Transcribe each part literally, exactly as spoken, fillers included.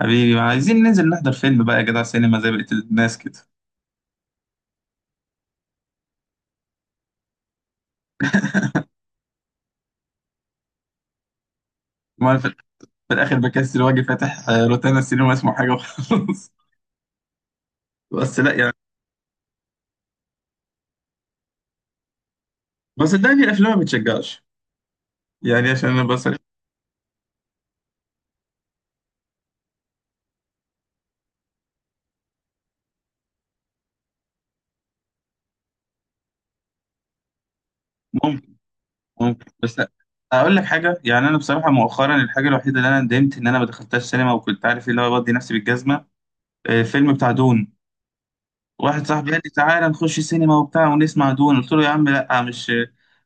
حبيبي، ما عايزين ننزل نحضر فيلم بقى يا جدع؟ سينما زي بقية الناس كده. ما أنا في في الآخر بكسل وأجي فاتح، آه، روتانا السينما اسمه حاجة وخلاص. بس لا يعني. بس صدقني الأفلام ما بتشجعش، يعني عشان أنا بس. ممكن ممكن بس لا. أقول لك حاجة، يعني أنا بصراحة مؤخرا الحاجة الوحيدة اللي أنا ندمت إن أنا ما دخلتهاش سينما، وكنت عارف اللي هو بدي نفسي بالجزمة، آه، فيلم بتاع دون. واحد صاحبي قال لي تعالى نخش سينما وبتاع ونسمع دون، قلت له يا عم لا مش،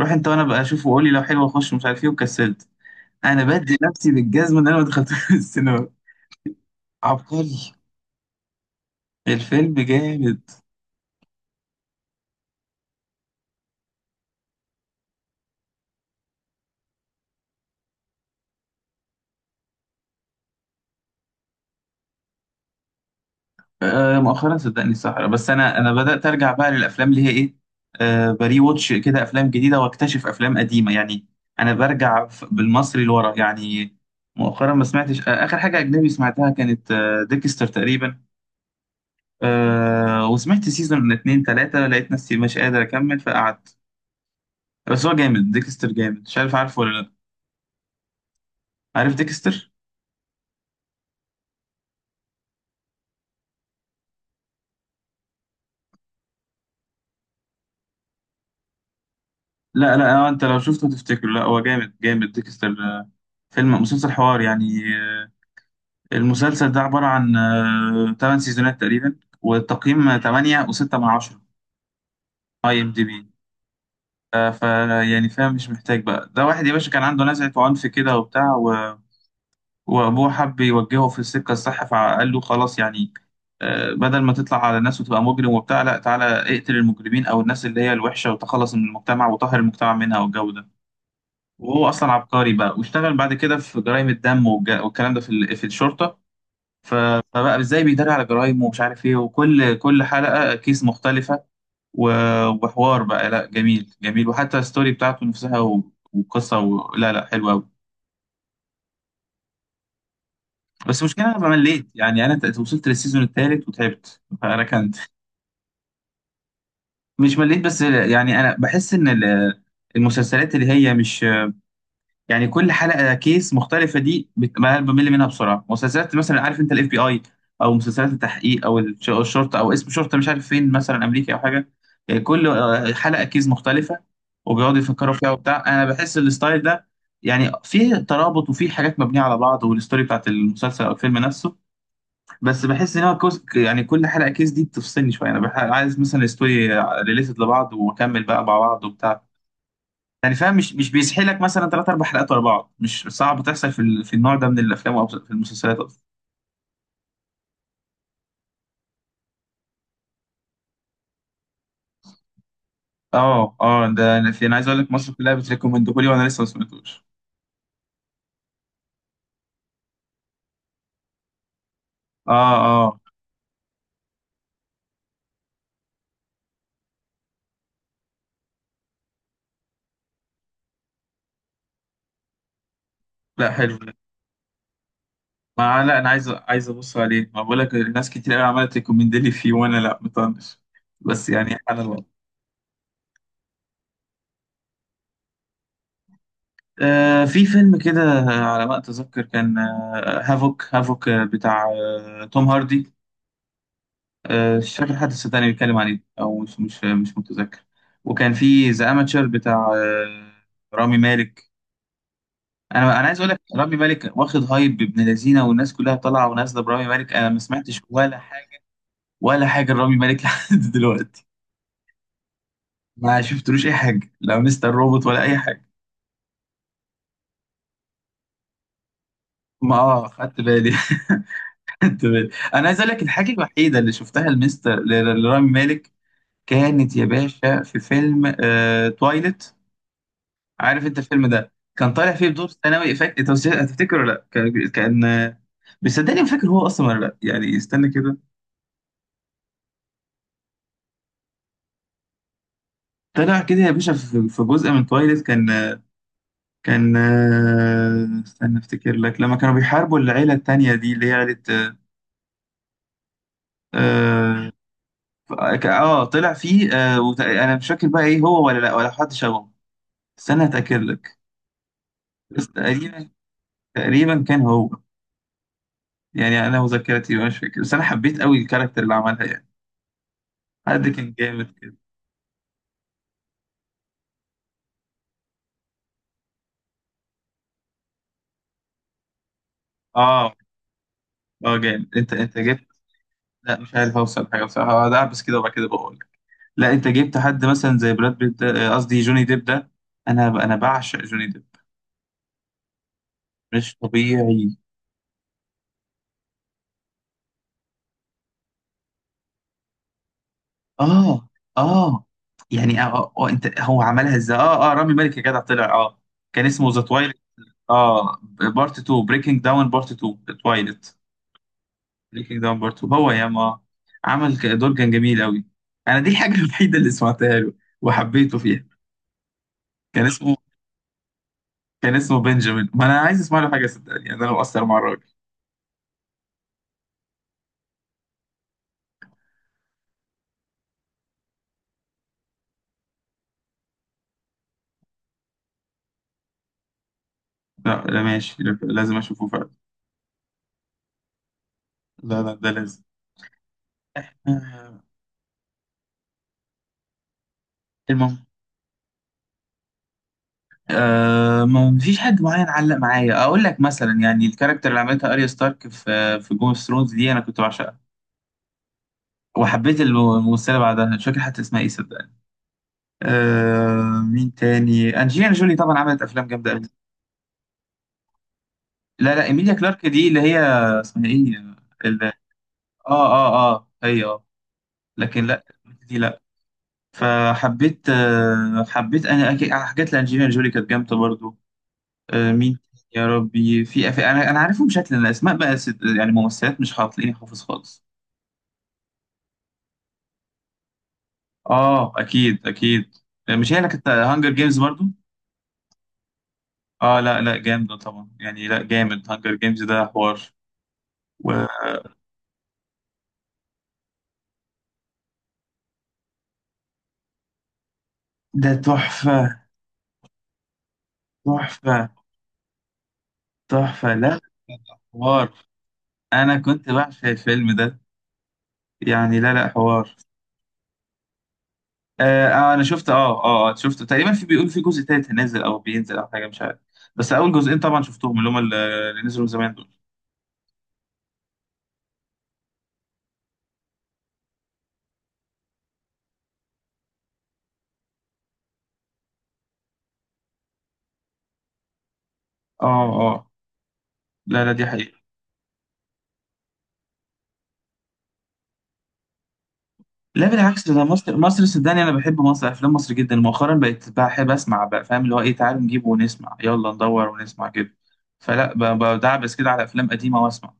روح أنت وأنا بقى أشوفه وقول لي لو حلو أخش مش عارف إيه، وكسلت. انا بدي نفسي بالجزمه اللي انا ما دخلتها السينما. عبقري. الفيلم جامد. آه مؤخرا صدقني صحرا، بس انا انا بدات ارجع بقى للافلام اللي هي ايه، آه بري واتش كده، افلام جديده واكتشف افلام قديمه يعني. انا برجع ف- بالمصري لورا يعني. مؤخرا ما سمعتش، آه اخر حاجه اجنبي سمعتها كانت آه ديكستر تقريبا. آه وسمعت سيزون من اتنين تلاته، لقيت نفسي مش قادر اكمل فقعدت. بس هو جامد، ديكستر جامد، مش عارف عارفه ولا لا. عارف ديكستر؟ لا لا، آه، انت لو شفته تفتكره. لا هو جامد جامد، ديكستر آه، فيلم مسلسل حوار يعني. آه، المسلسل ده عبارة عن ثمانية سيزونات تقريبا، والتقييم تمانية و6 من عشرة، اي ام دي بي. ف يعني فاهم، مش محتاج بقى. ده واحد يا باشا كان عنده نزعة عنف كده وبتاع، و... وابوه حب يوجهه في السكة الصح فقال له خلاص يعني، آه، بدل ما تطلع على الناس وتبقى مجرم وبتاع لا، تعالى اقتل المجرمين او الناس اللي هي الوحشة، وتخلص من المجتمع وطهر المجتمع منها والجو ده. وهو اصلا عبقري بقى، واشتغل بعد كده في جرائم الدم والج- والكلام ده في ال- في الشرطه. ف- فبقى ازاي بيداري على جرائم ومش عارف ايه، وكل كل حلقه كيس مختلفه، و- وحوار بقى لا، جميل جميل، وحتى الستوري بتاعته نفسها و- وقصه، و... لا لا، حلوه قوي. بس المشكله انا مليت، يعني انا ت- وصلت للسيزون الثالث وتعبت فركنت. مش مليت، بس يعني انا بحس ان ال- المسلسلات اللي هي مش، يعني كل حلقه كيس مختلفه دي بت- بمل منها بسرعه. مسلسلات مثلا عارف انت، الاف بي اي، او مسلسلات التحقيق، او الش- الشرطه، او اسم شرطه مش عارف فين مثلا، امريكي او حاجه، آه، كل آه، حلقه كيس مختلفه وبيقعدوا يفكروا فيها وبتاع. انا بحس الستايل ده يعني فيه ترابط، وفيه حاجات مبنيه على بعض والستوري بتاعت المسلسل او الفيلم نفسه. بس بحس ان هو كوز، يعني كل حلقه كيس دي بتفصلني شويه، انا بح- عايز مثلا الستوري ريليتد لبعض واكمل بقى مع بعض وبتاع، يعني فاهم؟ مش مش بيسحلك مثلا ثلاث اربع حلقات ورا بعض. مش صعب تحصل في ال... في النوع ده من الافلام او في المسلسلات اصلا. اه اه، ده انا في انا عايز اقول لك مصر كلها بتريكومندهولي، وانا لسه ما سمعتوش. اه اه، لا حلو. ما لا انا عايز عايز ابص عليه، ما بقول لك ناس كتير قوي عملت ريكومند لي فيه وانا لا مطنش، بس يعني سبحان الله. آه في فيلم كده على ما اتذكر كان، آه هافوك هافوك، آه، بتاع آه توم هاردي. آه، مش فاكر حد صدقني بيتكلم عليه، او مش مش مش متذكر. وكان في ذا اماتشر بتاع آه، رامي مالك. انا انا عايز اقول لك رامي مالك واخد هايب ابن لذينه، والناس كلها طالعه ونازله برامي مالك، انا ما سمعتش ولا حاجه، ولا حاجه لرامي مالك لحد دلوقتي. ما شفتلوش اي حاجه، لا مستر روبوت ولا اي حاجه. ما اه، خدت بالي، خدت بالي. انا عايز اقول لك الحاجه الوحيده اللي شفتها لمستر ل- ل- لرامي مالك، كانت يا باشا في فيلم، آه، تويلت. عارف انت الفيلم ده كان طالع فيه بدور ثانوي؟ فاكر انت مش- هتفتكر ولا لا؟ كان كان- بس صدقني ما فاكر هو اصلا ولا لا يعني، استنى كده. طلع كده يا باشا في في جزء من تويلت كان. كان استنى افتكر لك. لما كانوا بيحاربوا العيله التانيه دي اللي هي عيله، اه، ك- اه، طلع فيه اه، وت- انا مش فاكر بقى ايه هو ولا لا، ولا حد شبهه. استنى اتاكد لك. بس تقريبا، تقريبا كان هو، يعني انا وذاكرتي مش فاكر، بس انا حبيت قوي الكاركتر اللي عملها يعني. حد كان جامد كده. اه اه، جامد، انت انت جبت. لا مش عارف اوصل حاجه بصراحه، هقعد اعبس كده وبعد كده بقول لك. لا انت جبت حد مثلا زي براد بيت ده- آه، قصدي جوني ديب ده. انا انا بعشق جوني ديب مش طبيعي. اه اه يعني، اه اه، آه، انت هو عملها ازاي؟ اه اه، رامي مالك يا جدع طلع اه، كان اسمه ذا تويلت اه، بارت تو بريكنج داون، بارت تو تويلت، بريكنج داون بارت تو هو يا ما، عمل ك- دور كان جميل قوي. انا دي الحاجه الوحيده اللي سمعتها له وحبيته فيها. كان اسمه كان اسمه بنجامين. ما انا عايز اسمع له حاجه صدقني، يعني انا مقصر مع الراجل. لا لا ماشي، لا- لازم اشوفه فعلا. لا لا، ده لازم. آه، المهم، آه ما ما فيش حد معين علق معايا. اقول لك مثلا يعني الكاركتر اللي عملتها اريا ستارك في في جيم اوف ثرونز دي انا كنت بعشقها، وحبيت الم- الممثله بعدها، مش فاكر حتى اسمها ايه صدقني. آه مين تاني؟ انجلينا جولي طبعا عملت افلام جامده قوي. لا لا، ايميليا كلارك دي اللي هي، اسمها ايه، ال- اه اه اه هي اه، لكن لا، دي لا. فحبيت، آه، حبيت انا أكيد على حاجات لانجелينا جولي، كانت جامده برضو. آه، مين تاني يا ربي؟ في أف... انا انا عارفهم شكلا، الاسماء بقى ست... يعني ممثلات مش هتلاقيني حافظ خالص. اه، اكيد اكيد. آه، مش هي اللي كانت هانجر جيمز برضو؟ اه لا لا، جامده طبعا يعني، لا جامد، هانجر جيمز ده حوار. وده تحفه، تحفه تحفه، لا حوار. انا كنت بعشق الفيلم ده، يعني لا لا، حوار. آه آه، انا شفت اه اه، آه، شفت تقريبا، في بيقول في جزء تالت هينزل او بينزل او حاجه مش عارف، بس اول جزئين طبعا شفتهم اللي هم اللي اللي نزلوا من زمان دول. اه اه، لا لا، دي حقيقه. لا بالعكس، ده مصر، مصر صدقني، انا بحب مصر، افلام مصر جدا، مؤخرا بقيت بحب اسمع بقى فاهم اللي هو ايه، تعالوا نجيبه ونسمع يلا، ندور ونسمع كده. فلا ب- بدعبس كده على افلام قديمه واسمع،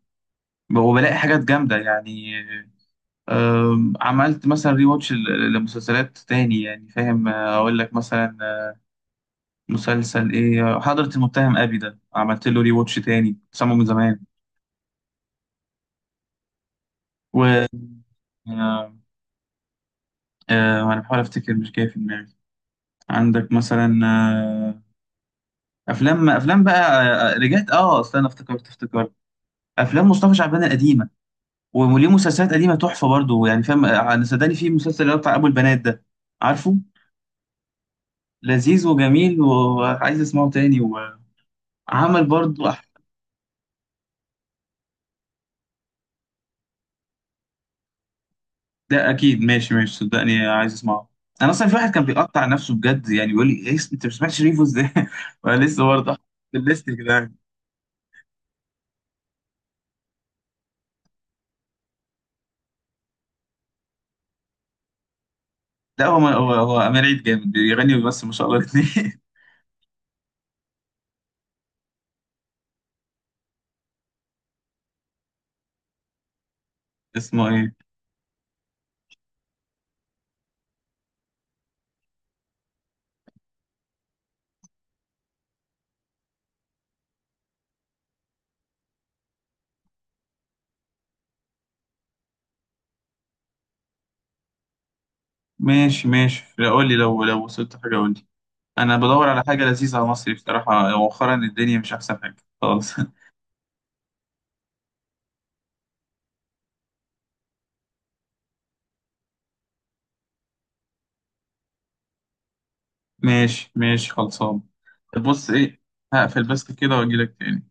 وبلاقي حاجات جامده يعني. آم، عملت مثلا ري واتش لمسلسلات تاني، يعني فاهم، آه، اقول لك مثلا مسلسل ايه، حضرة المتهم ابي ده عملت له ري واتش تاني سامه من زمان. و آه، آه، انا بحاول افتكر مش جاي في دماغي. عندك مثلا آه، افلام افلام بقى، آه، آه، رجعت اه، اصل انا افتكرت افتكرت افلام مصطفى شعبان القديمه. وليه مسلسلات قديمه تحفه برضو، يعني فاهم، آه، انا صدقني في مسلسل اللي هو بتاع ابو البنات ده، عارفه؟ لذيذ وجميل وعايز اسمعه تاني، وعمل برضو. ده اكيد، ماشي ماشي، صدقني عايز اسمعه. انا اصلا في واحد كان بيقطع نفسه بجد، يعني بيقول لي ايه اسم- انت ما سمعتش ريفو ازاي، وانا لسه برضه حاطط في الليست كده يعني. لا هو هو هو امير عيد جامد، بيغني وبيمثل ما شاء الله الاثنين. اسمه ايه؟ ماشي ماشي، لا، قول لي لو لو وصلت حاجه قول لي. انا بدور على حاجه لذيذه على مصري بصراحه، مؤخرا الدنيا مش احسن حاجه خالص. ماشي ماشي، خلصان. طب بص ايه، هقفل بس كده واجي لك تاني.